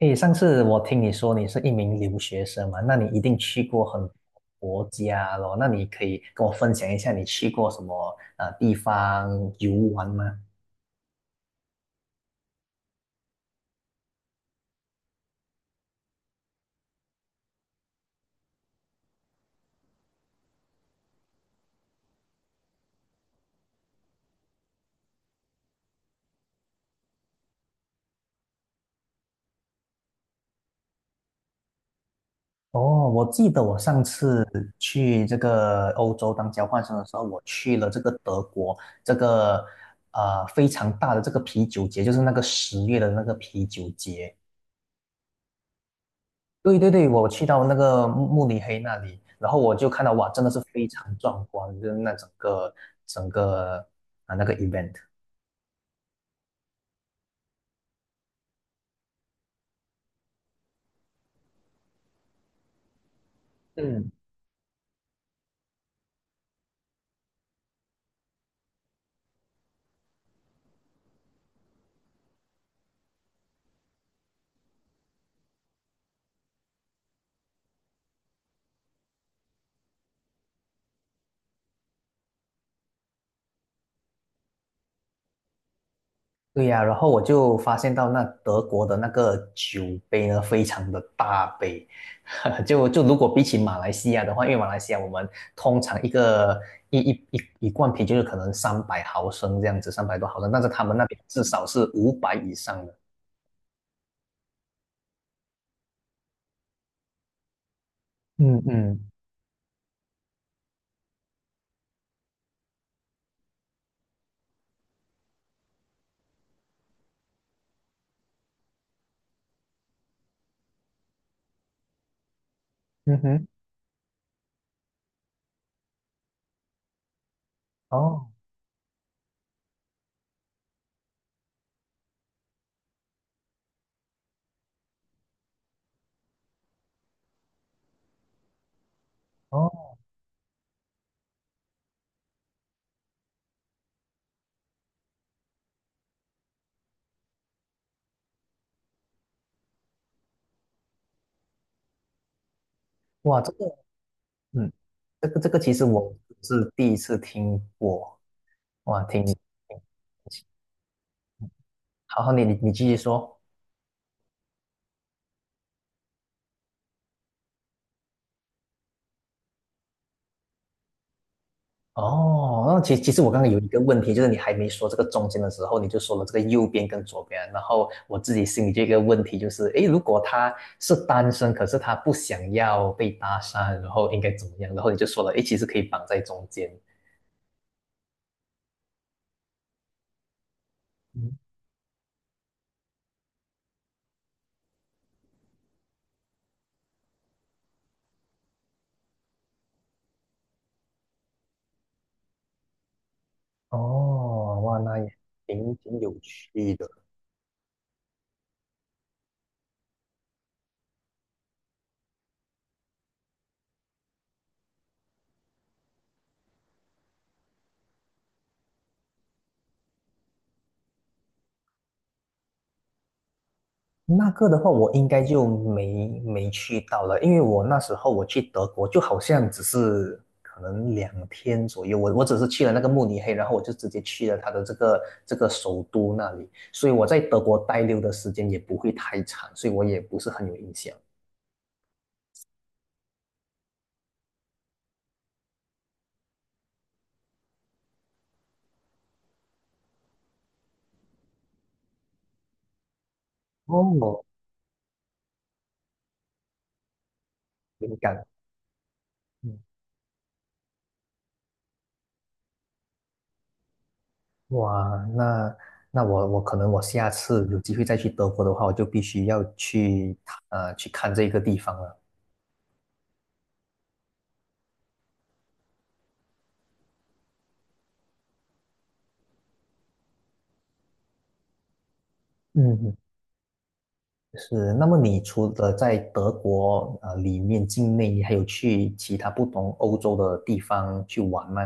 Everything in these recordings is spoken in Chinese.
诶，上次我听你说你是一名留学生嘛，那你一定去过很多国家咯，那你可以跟我分享一下你去过什么地方游玩吗？哦，我记得我上次去这个欧洲当交换生的时候，我去了这个德国，这个非常大的这个啤酒节，就是那个10月的那个啤酒节。对对对，我去到那个慕尼黑那里，然后我就看到哇，真的是非常壮观，就是那整个那个 event。嗯，对呀，然后我就发现到那德国的那个酒杯呢，非常的大杯。就如果比起马来西亚的话，因为马来西亚我们通常一个一一一一罐啤酒就可能300毫升这样子，300多毫升，但是他们那边至少是500以上的。嗯嗯，嗯哼，哦哦，哇，嗯，这个其实我是第一次听过，哇，好好，你继续说。哦，那其实我刚刚有一个问题，就是你还没说这个中间的时候，你就说了这个右边跟左边，然后我自己心里这个问题，就是诶，如果他是单身，可是他不想要被搭讪，然后应该怎么样？然后你就说了，诶，其实可以绑在中间。嗯，哦，哇，那也挺有趣的。那个的话，我应该就没去到了，因为我那时候我去德国，就好像只是可能2天左右，我只是去了那个慕尼黑，然后我就直接去了他的这个这个首都那里，所以我在德国待留的时间也不会太长，所以我也不是很有印象。哦，灵感，嗯，哇，那我可能我下次有机会再去德国的话，我就必须要去去看这个地方了。嗯，是，那么你除了在德国里面境内，你还有去其他不同欧洲的地方去玩吗？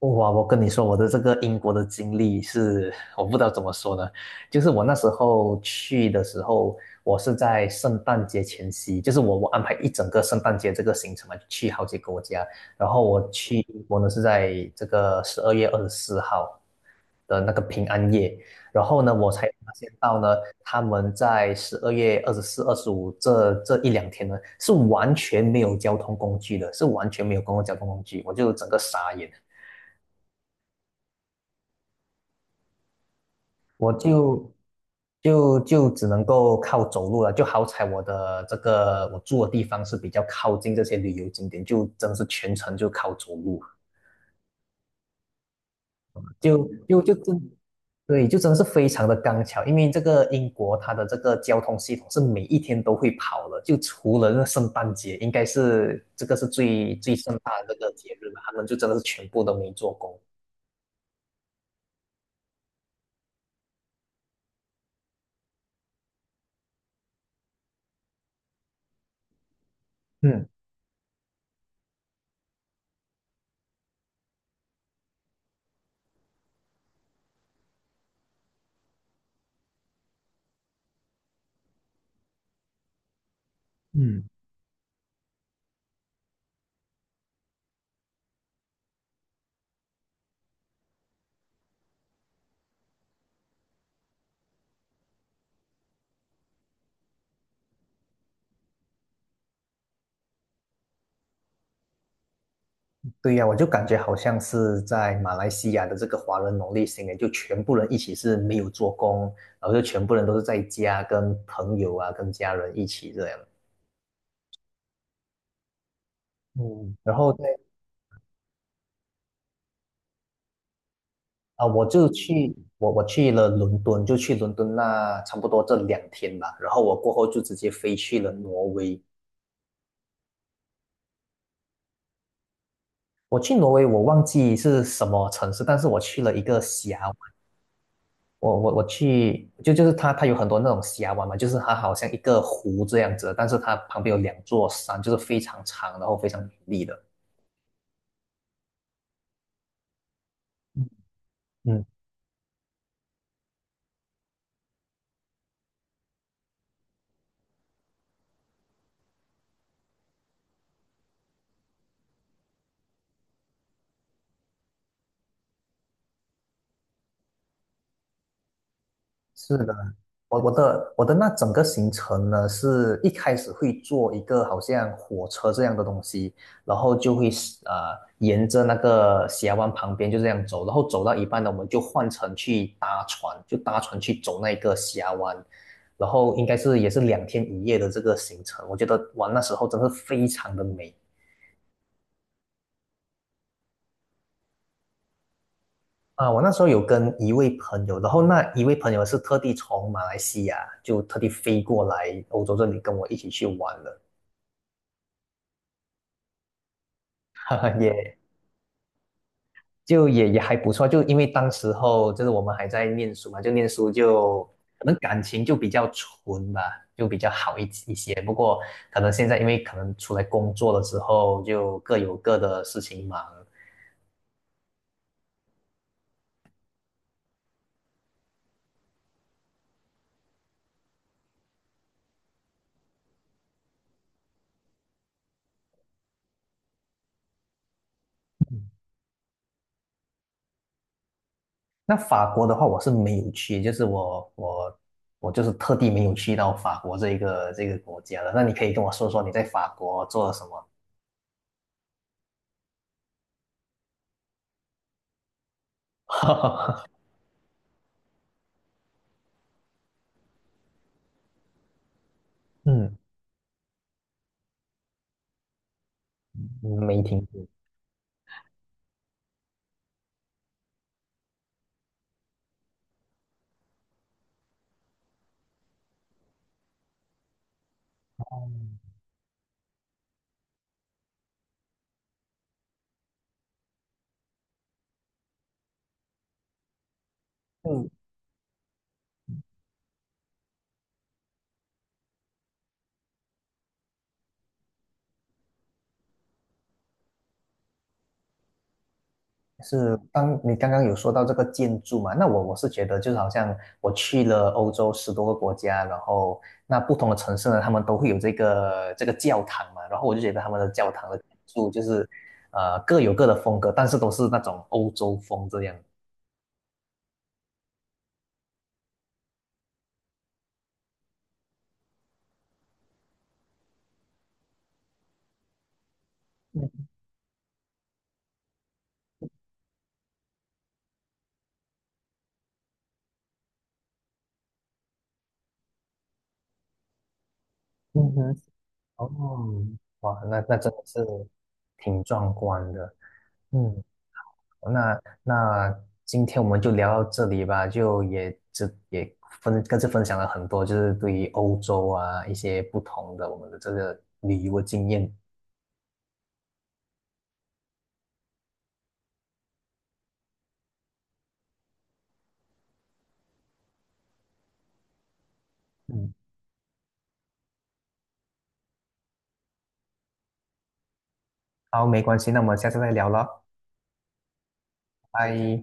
哇，我跟你说，我的这个英国的经历是，我不知道怎么说呢。就是我那时候去的时候，我是在圣诞节前夕，就是我安排一整个圣诞节这个行程嘛，去好几个国家。然后我去英国呢是在这个12月24号的那个平安夜，然后呢，我才发现到呢，他们在12月24、25这一两天呢，是完全没有交通工具的，是完全没有公共交通工具，我就整个傻眼。我就只能够靠走路了，就好彩我的这个我住的地方是比较靠近这些旅游景点，就真是全程就靠走路，就就就真，对，就真的是非常的刚巧，因为这个英国它的这个交通系统是每一天都会跑的，就除了那个圣诞节，应该是这个是最最盛大的这个节日嘛，他们就真的是全部都没做工。嗯嗯。对呀，我就感觉好像是在马来西亚的这个华人农历新年，就全部人一起是没有做工，然后就全部人都是在家跟朋友啊、跟家人一起这样。嗯，然后在啊，我去了伦敦，就去伦敦那差不多这两天吧。然后我过后就直接飞去了挪威。我去挪威，我忘记是什么城市，但是我去了一个峡我我我去，就就是它它有很多那种峡湾嘛，就是它好像一个湖这样子，但是它旁边有两座山，就是非常长，然后非常美丽的。是的，我的那整个行程呢，是一开始会坐一个好像火车这样的东西，然后就会呃沿着那个峡湾旁边就这样走，然后走到一半呢，我们就换乘去搭船，就搭船去走那个峡湾，然后应该是也是2天1夜的这个行程，我觉得哇那时候真是非常的美。啊！我那时候有跟一位朋友，然后那一位朋友是特地从马来西亚就特地飞过来欧洲这里跟我一起去玩的。也就也还不错，就因为当时候就是我们还在念书嘛，就念书就可能感情就比较纯吧，就比较好一些。不过可能现在因为可能出来工作了之后，就各有各的事情忙。那法国的话，我是没有去，就是我就是特地没有去到法国这一个这个国家的。那你可以跟我说说你在法国做了什么？嗯，没听过。是，当你刚刚有说到这个建筑嘛，那我是觉得就是好像我去了欧洲10多个国家，然后那不同的城市呢，他们都会有这个教堂嘛，然后我就觉得他们的教堂的建筑就是各有各的风格，但是都是那种欧洲风这样。嗯，嗯哼，哦，哇，那真的是挺壮观的。嗯，那今天我们就聊到这里吧，就也这也分各自分享了很多，就是对于欧洲啊一些不同的我们的这个旅游的经验。嗯，好，没关系，那我们下次再聊了，拜。